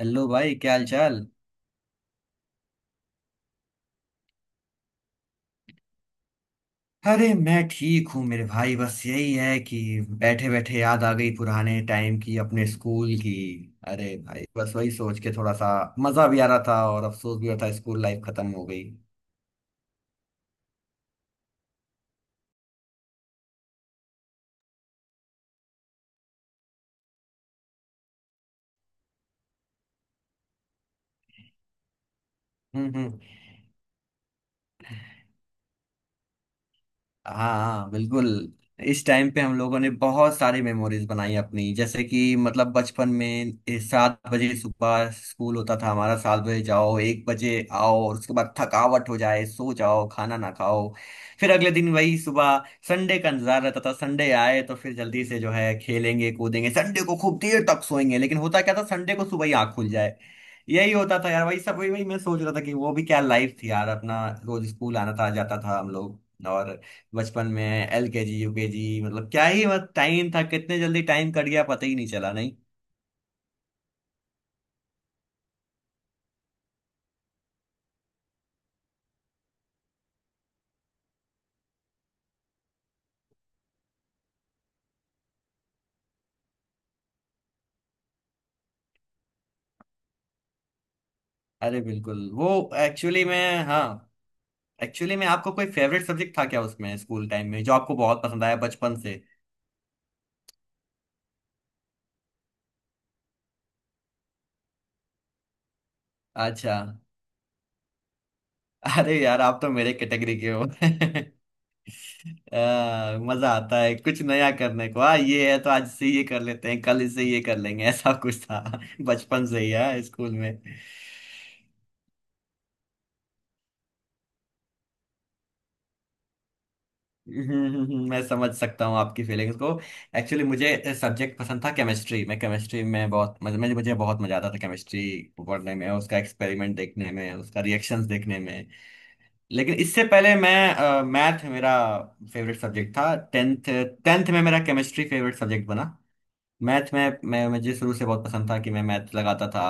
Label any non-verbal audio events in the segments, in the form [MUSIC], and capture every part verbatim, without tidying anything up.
Hello भाई, क्या हाल चाल। अरे मैं ठीक हूँ मेरे भाई, बस यही है कि बैठे बैठे याद आ गई पुराने टाइम की, अपने स्कूल की। अरे भाई बस वही सोच के थोड़ा सा मजा भी आ रहा था और अफसोस भी हो रहा था, स्कूल लाइफ खत्म हो गई। हम्म हम्म। हाँ हाँ बिल्कुल। इस टाइम पे हम लोगों ने बहुत सारी मेमोरीज बनाई अपनी, जैसे कि मतलब बचपन में ए, सात बजे सुबह स्कूल होता था हमारा, सात बजे जाओ एक बजे आओ, और उसके बाद थकावट हो जाए सो जाओ खाना ना खाओ। फिर अगले दिन वही सुबह। संडे का इंतजार रहता था, संडे आए तो फिर जल्दी से जो है खेलेंगे कूदेंगे, संडे को खूब देर तक सोएंगे, लेकिन होता क्या था, संडे को सुबह ही आँख खुल जाए। यही होता था यार, वही सब, वही वही मैं सोच रहा था कि वो भी क्या लाइफ थी यार, अपना रोज स्कूल आना था जाता था हम लोग। और बचपन में एल के जी यू के जी, मतलब क्या ही, मतलब टाइम था, कितने जल्दी टाइम कट गया पता ही नहीं चला नहीं। अरे बिल्कुल वो एक्चुअली में, हाँ, एक्चुअली में आपका कोई फेवरेट सब्जेक्ट था क्या उसमें, स्कूल टाइम में जो आपको बहुत पसंद आया बचपन से? अच्छा। अरे यार, आप तो मेरे कैटेगरी के हो। [LAUGHS] आ, मजा आता है कुछ नया करने को, हाँ ये है, तो आज से ये कर लेते हैं कल इससे ये कर लेंगे, ऐसा कुछ था। [LAUGHS] बचपन से ही है स्कूल में। हम्म, हम्म, मैं समझ सकता हूँ आपकी फीलिंग्स को। एक्चुअली मुझे सब्जेक्ट पसंद था केमिस्ट्री, मैं केमिस्ट्री में बहुत मज- मुझे मुझे बहुत मजा आता था, केमिस्ट्री पढ़ने में, उसका एक्सपेरिमेंट देखने में, उसका रिएक्शंस देखने में। लेकिन इससे पहले मैं मैथ मेरा फेवरेट सब्जेक्ट था, टेंथ। टेंथ में मेरा केमिस्ट्री फेवरेट सब्जेक्ट बना। मैथ में मैं मुझे शुरू से बहुत पसंद था कि मैं मैथ लगाता था।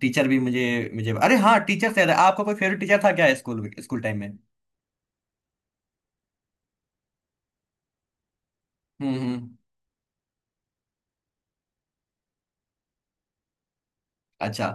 टीचर भी मुझे मुझे अरे हाँ, टीचर से याद है, आपका कोई फेवरेट टीचर था क्या स्कूल, स्कूल टाइम में? हम्म हम्म। अच्छा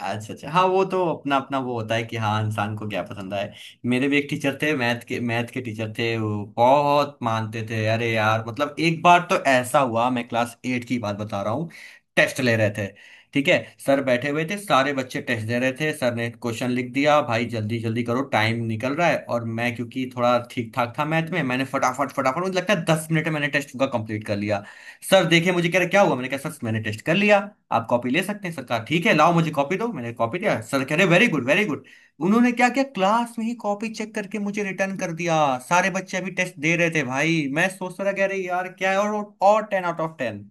अच्छा। अच्छा हाँ, वो तो अपना अपना वो होता है कि हाँ इंसान को क्या पसंद है। मेरे भी एक टीचर थे मैथ के, मैथ के टीचर थे, वो बहुत मानते थे। अरे यार, मतलब एक बार तो ऐसा हुआ, मैं क्लास एट की बात बता रहा हूँ। टेस्ट ले रहे थे, ठीक है। सर बैठे हुए थे, सारे बच्चे टेस्ट दे रहे थे, सर ने क्वेश्चन लिख दिया, भाई जल्दी जल्दी करो टाइम निकल रहा है, और मैं क्योंकि थोड़ा ठीक ठाक था मैथ में, मैंने फटाफट फटाफट, मुझे लगता है दस मिनट में मैंने टेस्ट का कंप्लीट कर लिया। सर देखिए मुझे कह रहे क्या हुआ, मैंने कहा सर मैंने टेस्ट कर लिया, आप कॉपी ले सकते हैं। सर कहा ठीक है लाओ मुझे कॉपी दो, मैंने कॉपी दिया, सर कह रहे वेरी गुड वेरी गुड। उन्होंने क्या किया, क्लास में ही कॉपी चेक करके मुझे रिटर्न कर दिया। सारे बच्चे अभी टेस्ट दे रहे थे, भाई मैं सोच रहा कह रही यार क्या है, और वो- और टेन आउट ऑफ टेन।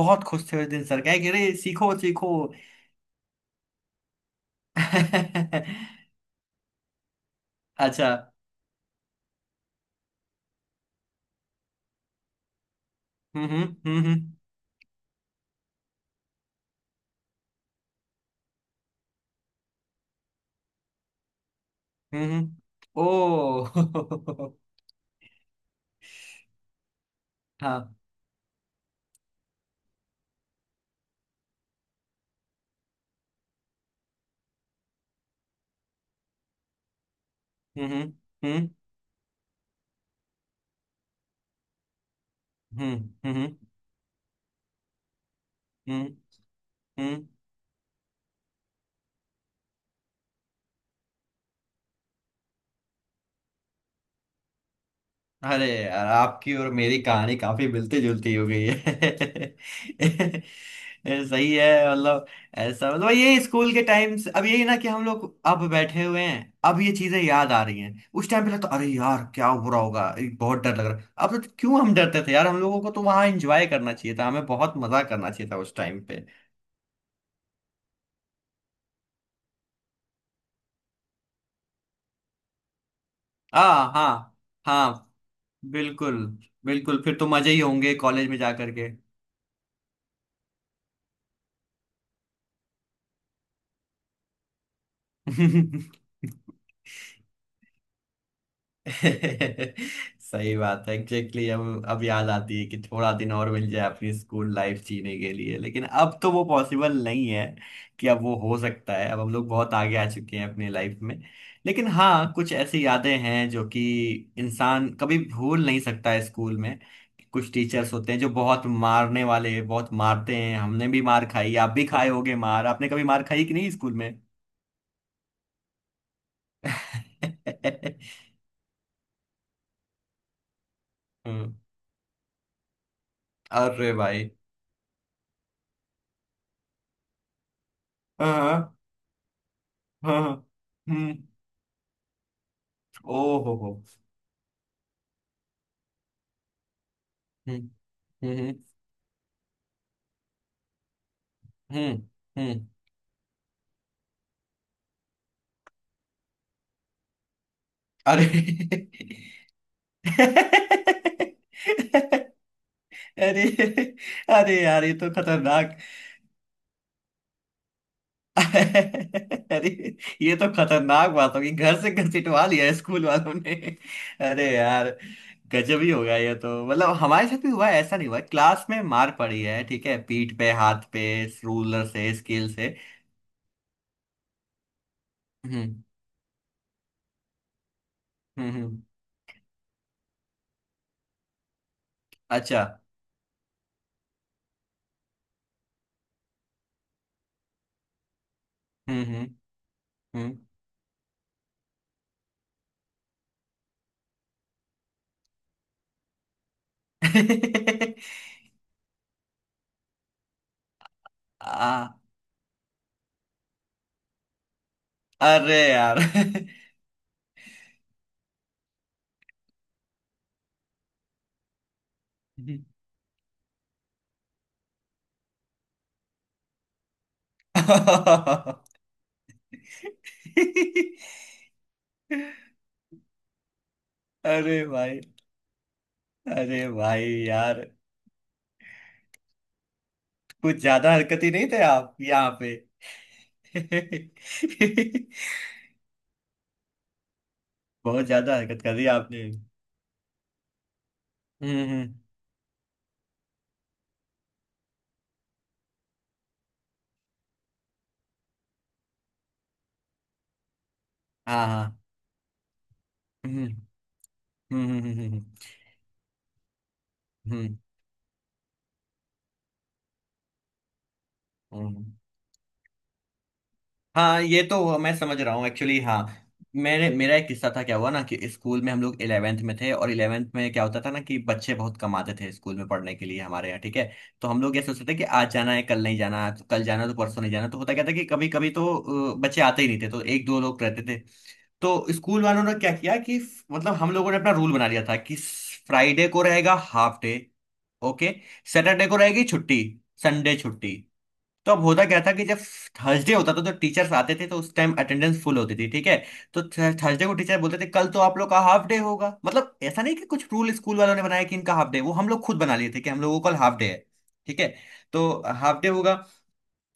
बहुत खुश थे उस दिन सर, कह रहे "अरे, सीखो सीखो"। [LAUGHS] अच्छा। हम्म हम्म। हम्म हम्म हम्म, हम्म। ओ। [LAUGHS] हाँ। हम्म हम्म हम्म हम्म हम्म हम्म हम्म। अरे यार, आपकी और मेरी कहानी काफी मिलती जुलती हो गई है। [LAUGHS] ये सही है, मतलब ऐसा मतलब ये स्कूल के टाइम से, अब यही ना कि हम लोग अब बैठे हुए हैं, अब ये चीजें याद आ रही हैं, उस टाइम पे लगता अरे यार क्या हो रहा होगा, ये बहुत डर लग रहा है अब तो, क्यों हम डरते थे यार, हम लोगों को तो वहां एंजॉय करना चाहिए था, हमें बहुत मजा करना चाहिए था उस टाइम पे। हाँ हाँ। हाँ बिल्कुल। बिल्कुल फिर तो मजे ही होंगे कॉलेज में जा करके। [LAUGHS] [LAUGHS] सही बात है एग्जैक्टली। अब अब याद आती है कि थोड़ा दिन और मिल जाए अपनी स्कूल लाइफ जीने के लिए, लेकिन अब तो वो पॉसिबल नहीं है कि अब वो हो सकता है, अब हम लोग बहुत आगे आ चुके हैं अपनी लाइफ में। लेकिन हाँ, कुछ ऐसी यादें हैं जो कि इंसान कभी भूल नहीं सकता है स्कूल में। कुछ टीचर्स होते हैं जो बहुत मारने वाले, बहुत मारते हैं, हमने भी मार खाई, आप भी खाए होगे मार, आपने कभी मार खाई कि नहीं स्कूल में? [LAUGHS] हम्म। अरे भाई। हाँ हाँ हाँ, हम्म। ओ हो हो। हम्म हम्म हम्म हम्म। अरे। अरे, अरे यार ये तो खतरनाक। अरे, ये तो खतरनाक बात होगी, घर से घसीटवा लिया स्कूल वालों ने। अरे यार, गजब ही होगा ये तो। मतलब हमारे साथ भी हुआ है, ऐसा नहीं हुआ, क्लास में मार पड़ी है, ठीक है, पीठ पे हाथ पे, रूलर से स्केल से। हम्म हम्म। हम्म, अच्छा। हम्म हम्म हम्म। [LAUGHS] आ, अरे यार। [LAUGHS] अरे भाई। अरे भाई यार, कुछ ज्यादा हरकत ही नहीं थे आप यहाँ पे। [LAUGHS] बहुत ज्यादा हरकत कर दी आपने। हम्म हम्म, हाँ हाँ। हम्म हम्म हम्म हम्म हम्म। हम्म, हम्म। हाँ ये तो मैं समझ रहा हूँ एक्चुअली, हाँ मेरे मेरा एक किस्सा था, क्या हुआ ना कि स्कूल में हम लोग इलेवेंथ में थे, और इलेवेंथ में क्या होता था ना कि बच्चे बहुत कम आते थे स्कूल में पढ़ने के लिए हमारे यहाँ, ठीक है। तो हम लोग ये सोचते थे कि आज जाना है कल नहीं जाना, तो कल जाना तो परसों नहीं जाना, तो होता क्या था कि कभी कभी तो अ, बच्चे आते ही नहीं थे, तो एक दो लोग रहते थे। तो स्कूल वालों ने क्या किया, कि मतलब हम लोगों ने अपना रूल बना लिया था कि फ्राइडे को रहेगा हाफ डे, ओके, सैटरडे को रहेगी छुट्टी, संडे छुट्टी। तो अब होता क्या था कि जब थर्सडे होता था तो टीचर्स आते थे, तो उस टाइम अटेंडेंस फुल होती थी, ठीक है। तो थर्सडे को टीचर बोलते थे कल तो आप लोग का हाफ डे होगा, मतलब ऐसा नहीं कि कुछ रूल स्कूल वालों ने बनाया कि इनका हाफ डे, वो हम लोग खुद बना लिए थे कि हम लोगों को कल हाफ डे है, ठीक है, तो हाफ डे होगा।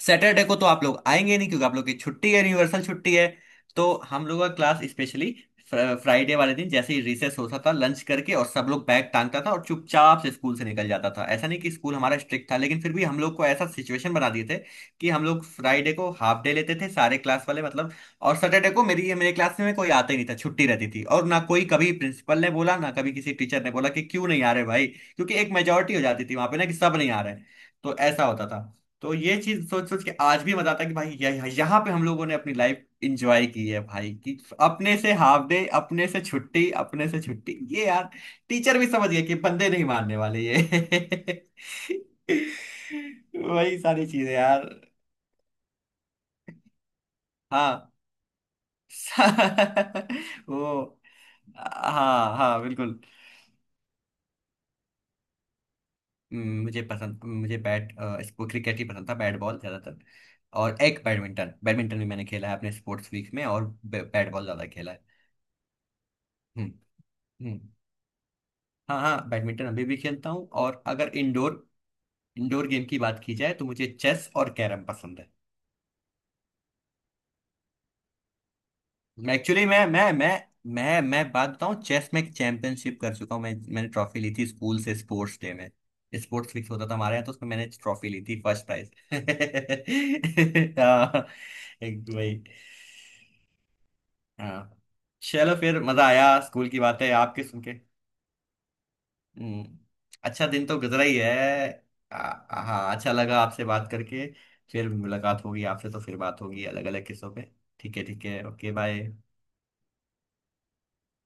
सैटरडे को तो आप लोग आएंगे नहीं क्योंकि आप लोग की छुट्टी है, यूनिवर्सल छुट्टी है। तो हम लोग का क्लास स्पेशली फ्राइडे वाले दिन, जैसे ही रिसेस होता था लंच करके, और सब लोग बैग टांगता था और चुपचाप से स्कूल से निकल जाता था, ऐसा नहीं कि स्कूल हमारा स्ट्रिक्ट था, लेकिन फिर भी हम लोग को ऐसा सिचुएशन बना दिए थे कि हम लोग फ्राइडे को हाफ डे लेते थे सारे क्लास वाले, मतलब, और सैटरडे को मेरी मेरे क्लास में कोई आता ही नहीं था, छुट्टी रहती थी, और ना कोई कभी प्रिंसिपल ने बोला ना कभी किसी टीचर ने बोला कि क्यों नहीं आ रहे भाई, क्योंकि एक मेजोरिटी हो जाती थी वहां पे ना कि सब नहीं आ रहे हैं। तो ऐसा होता था। तो ये चीज सोच सोच के आज भी मजा आता है कि भाई यह, यहाँ पे हम लोगों ने अपनी लाइफ इंजॉय की है भाई, कि अपने से हाफ डे, अपने से छुट्टी, अपने से छुट्टी, ये यार टीचर भी समझ गए कि बंदे नहीं मानने वाले ये। [LAUGHS] वही सारी चीजें यार। हाँ। [LAUGHS] वो। हाँ हाँ बिल्कुल। हम्म, मुझे पसंद, मुझे बैट अ, इसको क्रिकेट ही पसंद था, बैट बॉल ज्यादातर। और एक बैडमिंटन, बैडमिंटन भी मैंने खेला है अपने स्पोर्ट्स वीक में, और बै- बैट बॉल ज्यादा खेला है। हम्म हम्म। हाँ हाँ, बैडमिंटन अभी भी खेलता हूँ, और अगर इंडोर इंडोर गेम की बात की जाए तो मुझे चेस और कैरम पसंद है। मैं एक्चुअली, मैं मैं मैं मैं मैं बात बताऊँ, चेस में एक चैंपियनशिप कर चुका हूँ मैं, मैंने ट्रॉफी ली थी स्कूल से स्पोर्ट्स डे में। स्पोर्ट्स वीक होता था हमारे यहाँ, तो उसमें मैंने ट्रॉफी ली थी, फर्स्ट प्राइज। [LAUGHS] हाँ, एक वही। हाँ। चलो फिर मजा आया स्कूल की बातें आपके सुन के। हम्म, अच्छा दिन तो गुजरा ही है। आ, आ- हाँ, अच्छा लगा आपसे बात करके, फिर मुलाकात होगी आपसे तो फिर बात होगी अलग अलग किस्सों पे। ठीक है ठीक है, ओके बाय।